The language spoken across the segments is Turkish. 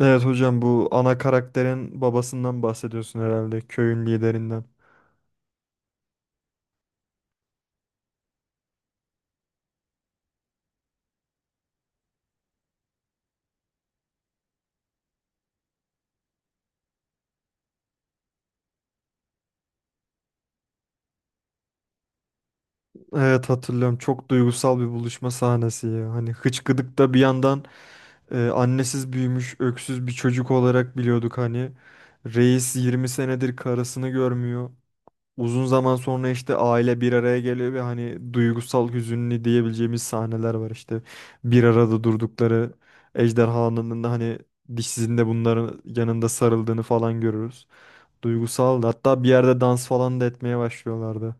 Evet hocam, bu ana karakterin babasından bahsediyorsun herhalde, köyün liderinden. Evet hatırlıyorum, çok duygusal bir buluşma sahnesi ya. Hani hıçkıdıkta bir yandan annesiz büyümüş öksüz bir çocuk olarak biliyorduk hani. Reis 20 senedir karısını görmüyor. Uzun zaman sonra işte aile bir araya geliyor ve hani duygusal, hüzünlü diyebileceğimiz sahneler var işte. Bir arada durdukları ejderhanın da hani dişsizinde bunların yanında sarıldığını falan görürüz. Duygusal. Hatta bir yerde dans falan da etmeye başlıyorlardı.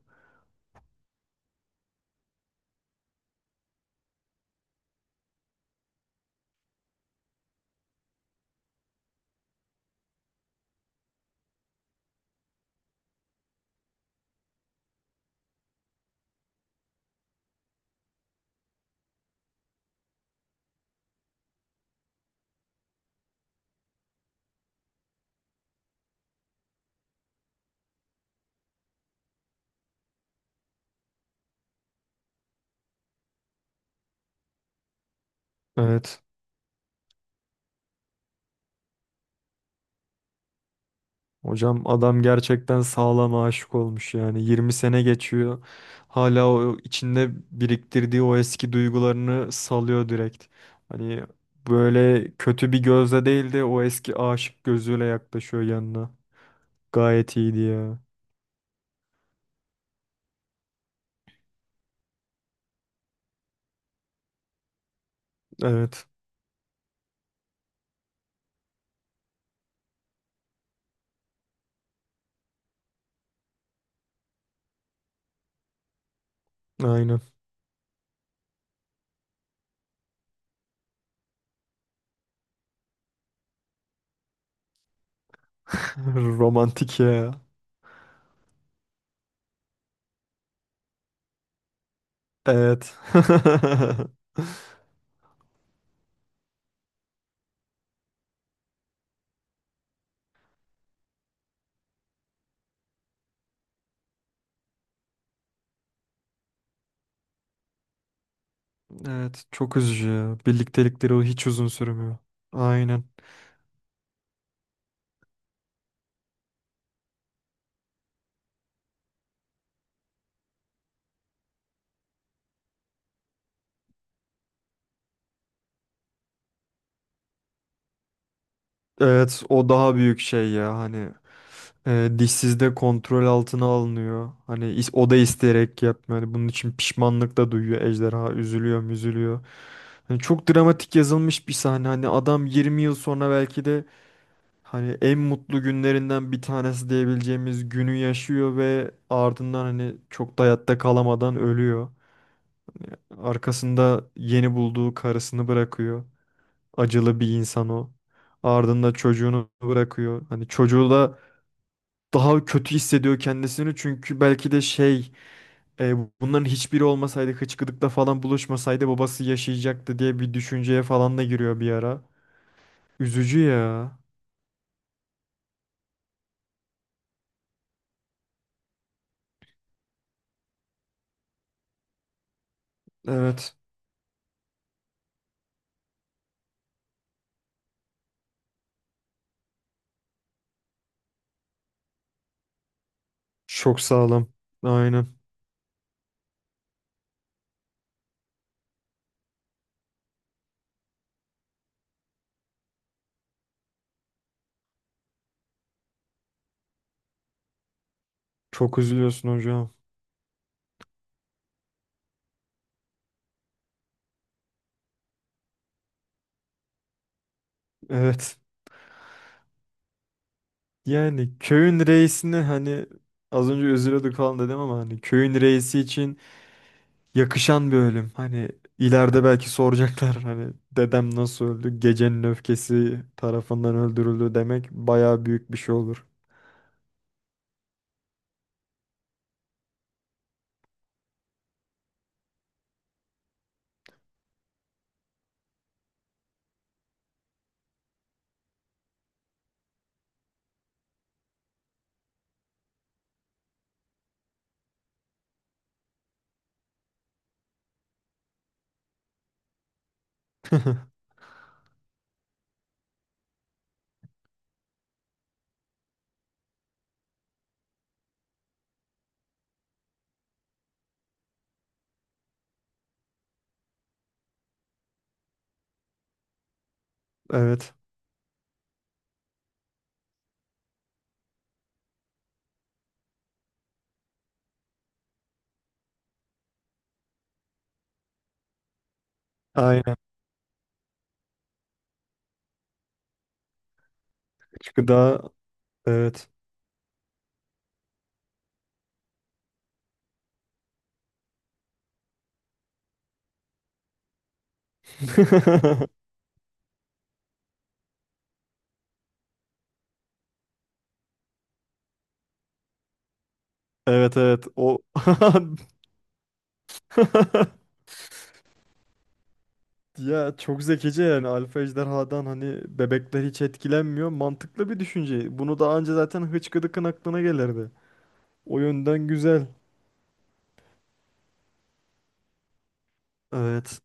Evet. Hocam adam gerçekten sağlam aşık olmuş yani. 20 sene geçiyor. Hala o içinde biriktirdiği o eski duygularını salıyor direkt. Hani böyle kötü bir gözle değil de o eski aşık gözüyle yaklaşıyor yanına. Gayet iyiydi ya. Evet. Aynen. Romantik ya. Evet. Evet. Çok üzücü ya. Birliktelikleri hiç uzun sürmüyor. Aynen. Evet, o daha büyük şey ya. Hani dişsiz de kontrol altına alınıyor. Hani o da isteyerek yapmıyor. Hani bunun için pişmanlık da duyuyor, ejderha üzülüyor müzülüyor. Hani çok dramatik yazılmış bir sahne. Hani adam 20 yıl sonra belki de hani en mutlu günlerinden bir tanesi diyebileceğimiz günü yaşıyor ve ardından hani çok da hayatta kalamadan ölüyor. Arkasında yeni bulduğu karısını bırakıyor. Acılı bir insan o. Ardında çocuğunu bırakıyor. Hani çocuğu da daha kötü hissediyor kendisini, çünkü belki de e, bunların hiçbiri olmasaydı, hıçkıdıkla falan buluşmasaydı babası yaşayacaktı diye bir düşünceye falan da giriyor bir ara. Üzücü ya. Evet. Çok sağlam. Aynen. Çok üzülüyorsun hocam. Evet. Yani köyün reisini hani az önce üzülüyorduk falan dedim ama hani köyün reisi için yakışan bir ölüm. Hani ileride belki soracaklar, hani dedem nasıl öldü? Gecenin öfkesi tarafından öldürüldü demek bayağı büyük bir şey olur. Evet. Aynen. Üç gıda. Evet. Evet, evet. O Ya çok zekice yani, alfa ejderhadan hani bebekler hiç etkilenmiyor. Mantıklı bir düşünce. Bunu daha önce zaten Hıçkıdık'ın aklına gelirdi. O yönden güzel. Evet.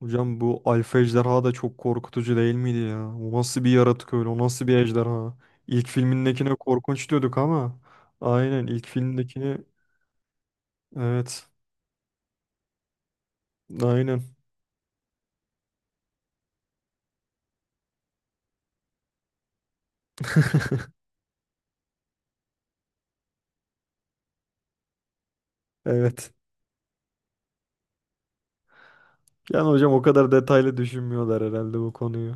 Hocam, bu alfa ejderha da çok korkutucu değil miydi ya? O nasıl bir yaratık öyle? O nasıl bir ejderha? İlk filmindekine korkunç diyorduk ama aynen ilk filmindekini evet aynen evet. Yani hocam o kadar detaylı düşünmüyorlar herhalde bu konuyu.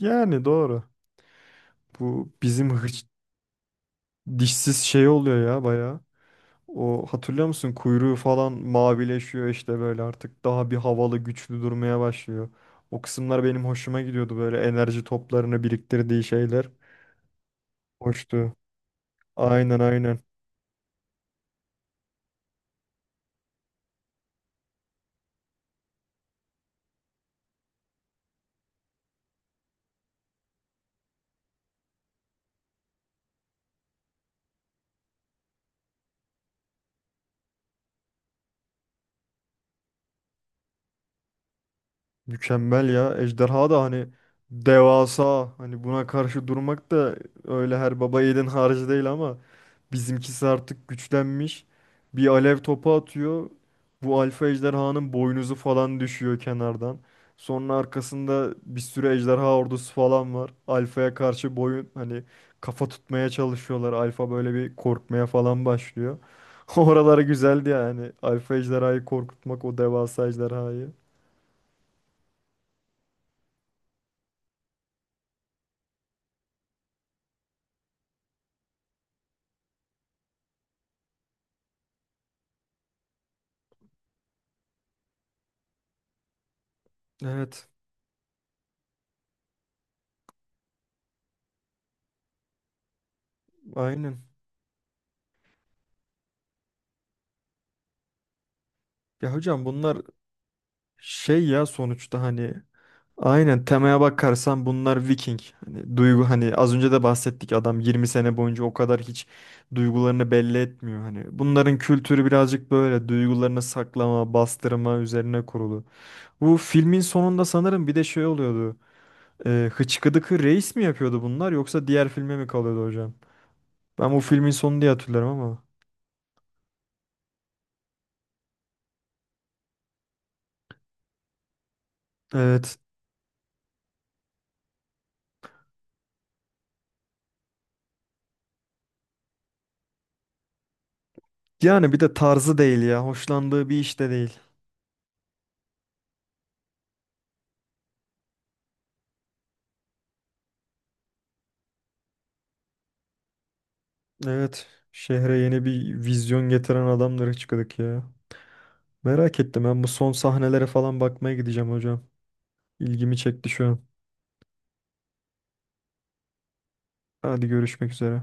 Yani doğru. Bu bizim dişsiz şey oluyor ya baya. O, hatırlıyor musun? Kuyruğu falan mavileşiyor işte, böyle artık daha bir havalı, güçlü durmaya başlıyor. O kısımlar benim hoşuma gidiyordu, böyle enerji toplarını biriktirdiği şeyler. Hoştu. Aynen, aynen. Mükemmel ya. Ejderha da hani devasa. Hani buna karşı durmak da öyle her baba yiğidin harcı değil ama. Bizimkisi artık güçlenmiş. Bir alev topu atıyor. Bu alfa ejderhanın boynuzu falan düşüyor kenardan. Sonra arkasında bir sürü ejderha ordusu falan var. Alfa'ya karşı boyun hani kafa tutmaya çalışıyorlar. Alfa böyle bir korkmaya falan başlıyor. Oraları güzeldi yani. Alfa ejderhayı korkutmak, o devasa ejderhayı. Evet, aynen. Ya hocam, bunlar şey ya sonuçta hani aynen, temaya bakarsan bunlar Viking. Hani duygu hani az önce de bahsettik, adam 20 sene boyunca o kadar hiç duygularını belli etmiyor hani. Bunların kültürü birazcık böyle duygularını saklama, bastırma üzerine kurulu. Bu filmin sonunda sanırım bir de şey oluyordu. Hıçkıdıkı Reis mi yapıyordu bunlar, yoksa diğer filme mi kalıyordu hocam? Ben bu filmin sonu diye hatırlarım ama. Evet. Yani bir de tarzı değil ya. Hoşlandığı bir iş de değil. Evet. Şehre yeni bir vizyon getiren adamdır Hıçkıdık ya. Merak ettim, ben bu son sahnelere falan bakmaya gideceğim hocam. İlgimi çekti şu an. Hadi görüşmek üzere.